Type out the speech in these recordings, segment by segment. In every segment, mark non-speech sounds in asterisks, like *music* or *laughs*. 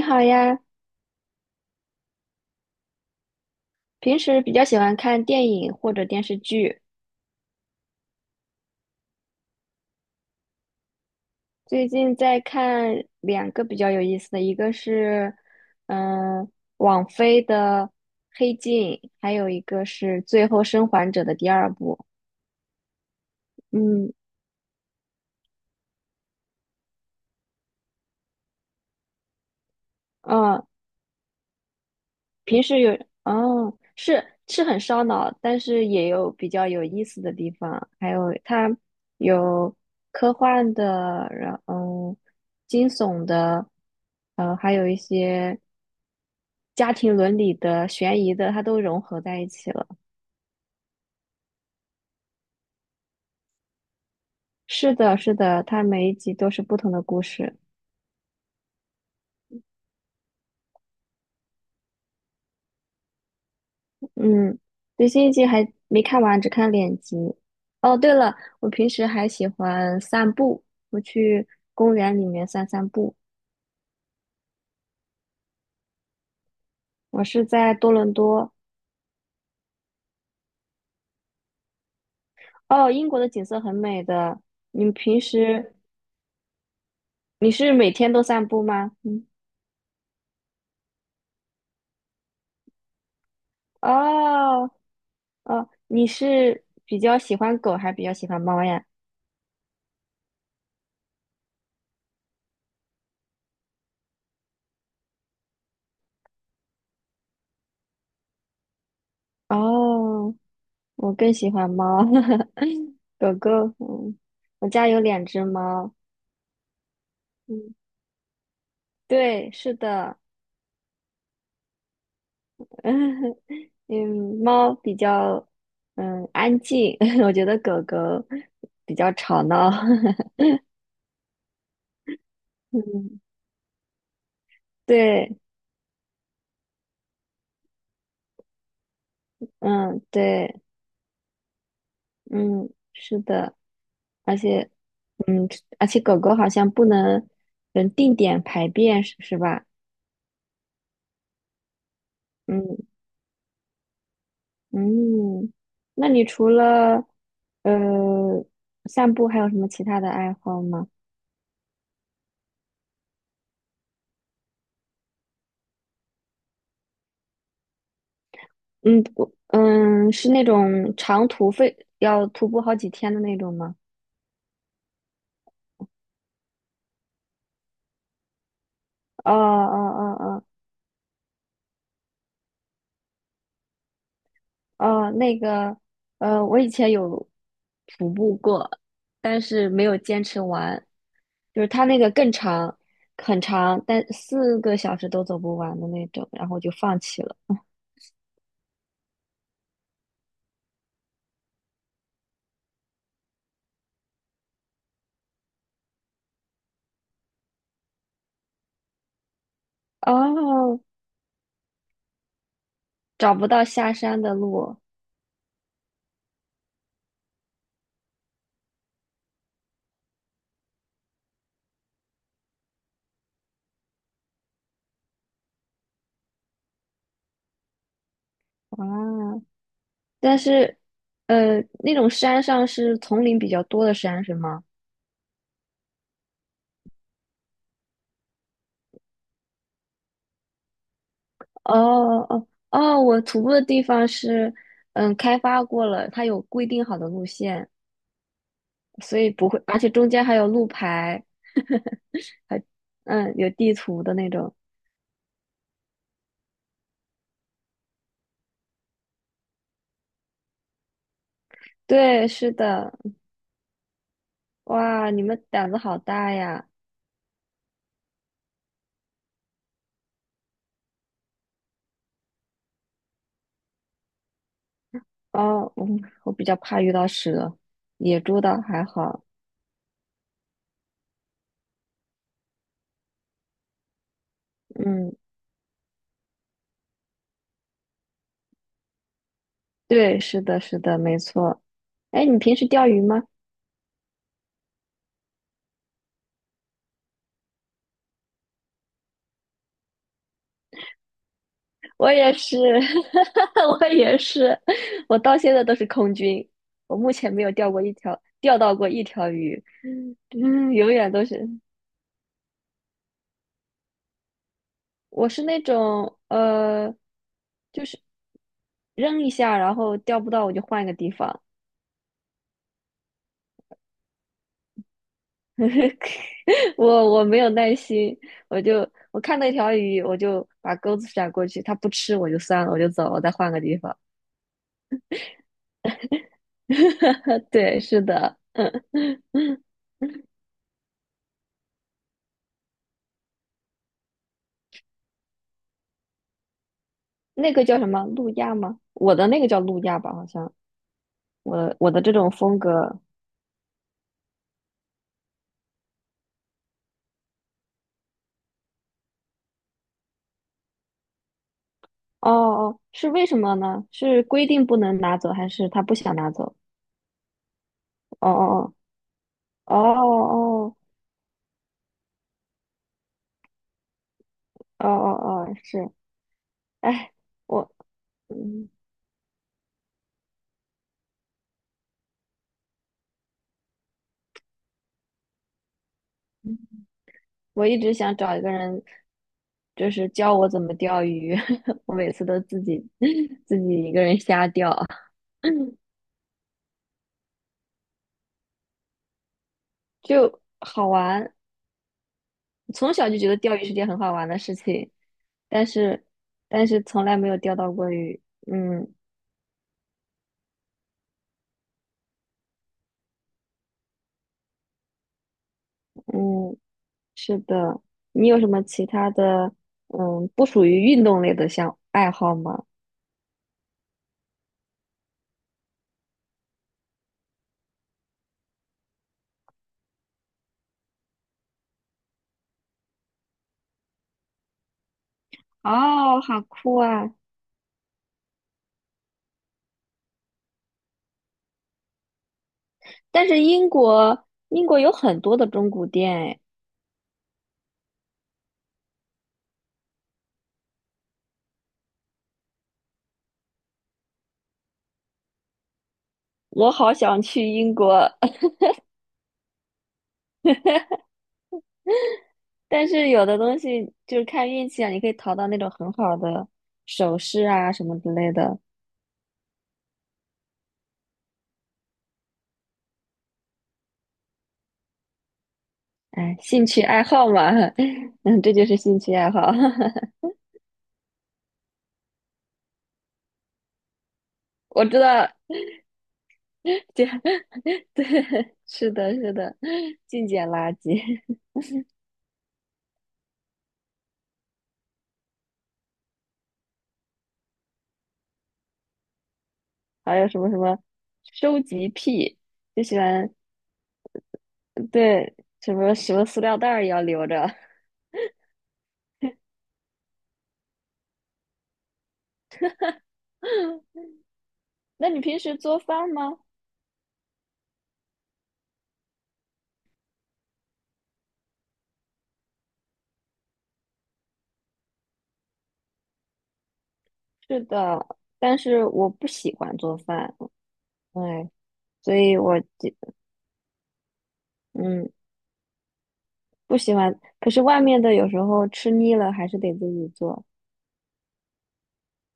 你好呀。平时比较喜欢看电影或者电视剧。最近在看两个比较有意思的，一个是嗯、呃网飞的《黑镜》，还有一个是《最后生还者》的第二部。嗯，啊，平时有。哦，是很烧脑，但是也有比较有意思的地方，还有它有科幻的，然后惊悚的，还有一些。家庭伦理的、悬疑的，它都融合在一起了。是的，是的，它每一集都是不同的故事。嗯，最新一集还没看完，只看两集。哦，对了，我平时还喜欢散步，我去公园里面散散步。我是在多伦多。哦，英国的景色很美的。你们平时你是每天都散步吗？嗯。哦哦，你是比较喜欢狗还是比较喜欢猫呀？哦。我更喜欢猫，*laughs* 狗狗。嗯，我家有两只猫。嗯，对，是的。*laughs* 嗯，猫比较嗯安静，*laughs* 我觉得狗狗比较吵闹。*laughs* 嗯，对，嗯，对，嗯，是的。而且狗狗好像不能嗯定点排便，是吧？嗯。嗯，那你除了呃散步，还有什么其他的爱好吗？嗯，我是那种长途费要徒步好几天的那种吗？哦哦。哦哦哦，那个我以前有徒步过，但是没有坚持完，就是它那个更长，很长，但四个小时都走不完的那种，然后就放弃了。哦，找不到下山的路。啊。但是，那种山上是丛林比较多的山是吗？哦。哦哦，我徒步的地方是，嗯，开发过了，它有规定好的路线，所以不会，而且中间还有路牌，还嗯有地图的那种。对，是的。哇，你们胆子好大呀！哦，我比较怕遇到蛇，野猪倒还好。嗯，对，是的，是的，没错。哎，你平时钓鱼吗？我也是，*laughs* 我也是。我到现在都是空军，我目前没有钓过一条，钓到过一条鱼，嗯，永远都是。我是那种就是扔一下，然后钓不到我就换一个地方。*laughs* 我我没有耐心，我看那条鱼，我就把钩子甩过去，它不吃我就算了，我就走了，我再换个地方。*laughs* 对，是的。*laughs* 那个叫什么路亚吗？我的那个叫路亚吧，好像。我的这种风格。哦哦，是为什么呢？是规定不能拿走，还是他不想拿走？哦哦哦哦哦哦哦哦，是。哎，我嗯，我一直想找一个人，就是教我怎么钓鱼，*laughs* 我每次都自己 *laughs* 自己一个人瞎钓。*laughs* 就好玩。从小就觉得钓鱼是件很好玩的事情，但是从来没有钓到过鱼。嗯。嗯，是的。你有什么其他的，嗯，不属于运动类的项爱好吗？哦，好酷啊！但是英国，英国有很多的中古店。哎，我好想去英国。*laughs* 但是有的东西就是看运气啊，你可以淘到那种很好的首饰啊什么之类的。哎，兴趣爱好嘛，*laughs* 嗯，这就是兴趣爱好。*laughs* 我知道，*laughs* 这样，*laughs* 对，是的，是的，净捡垃圾。还有什么什么收集癖，就喜欢对什么什么塑料袋儿也要留着。*laughs* 那你平时做饭吗？是的，但是我不喜欢做饭。哎，所以我就嗯不喜欢。可是外面的有时候吃腻了，还是得自己做。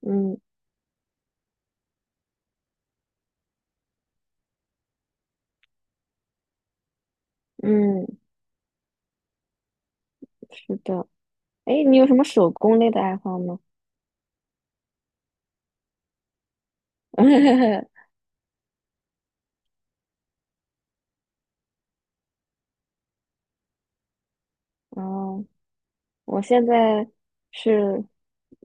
嗯。嗯，是的。哎，你有什么手工类的爱好吗？*laughs* 哦，我现在是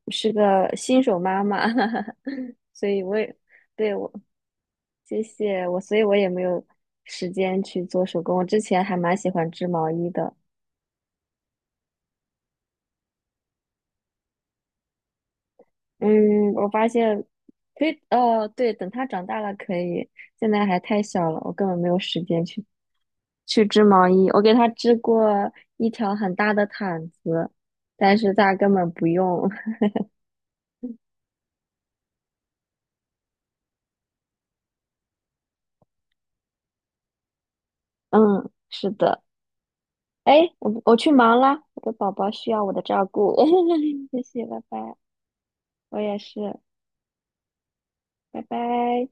是个新手妈妈，*laughs* 所以我也对我谢谢我，所以我也没有时间去做手工。我之前还蛮喜欢织毛衣的。嗯，我发现可以，哦，对，等他长大了可以，现在还太小了，我根本没有时间去去织毛衣。我给他织过一条很大的毯子，但是他根本不用。*laughs* 嗯，是的。哎，我去忙啦，我的宝宝需要我的照顾，*laughs* 谢谢，拜拜。我也是，拜拜。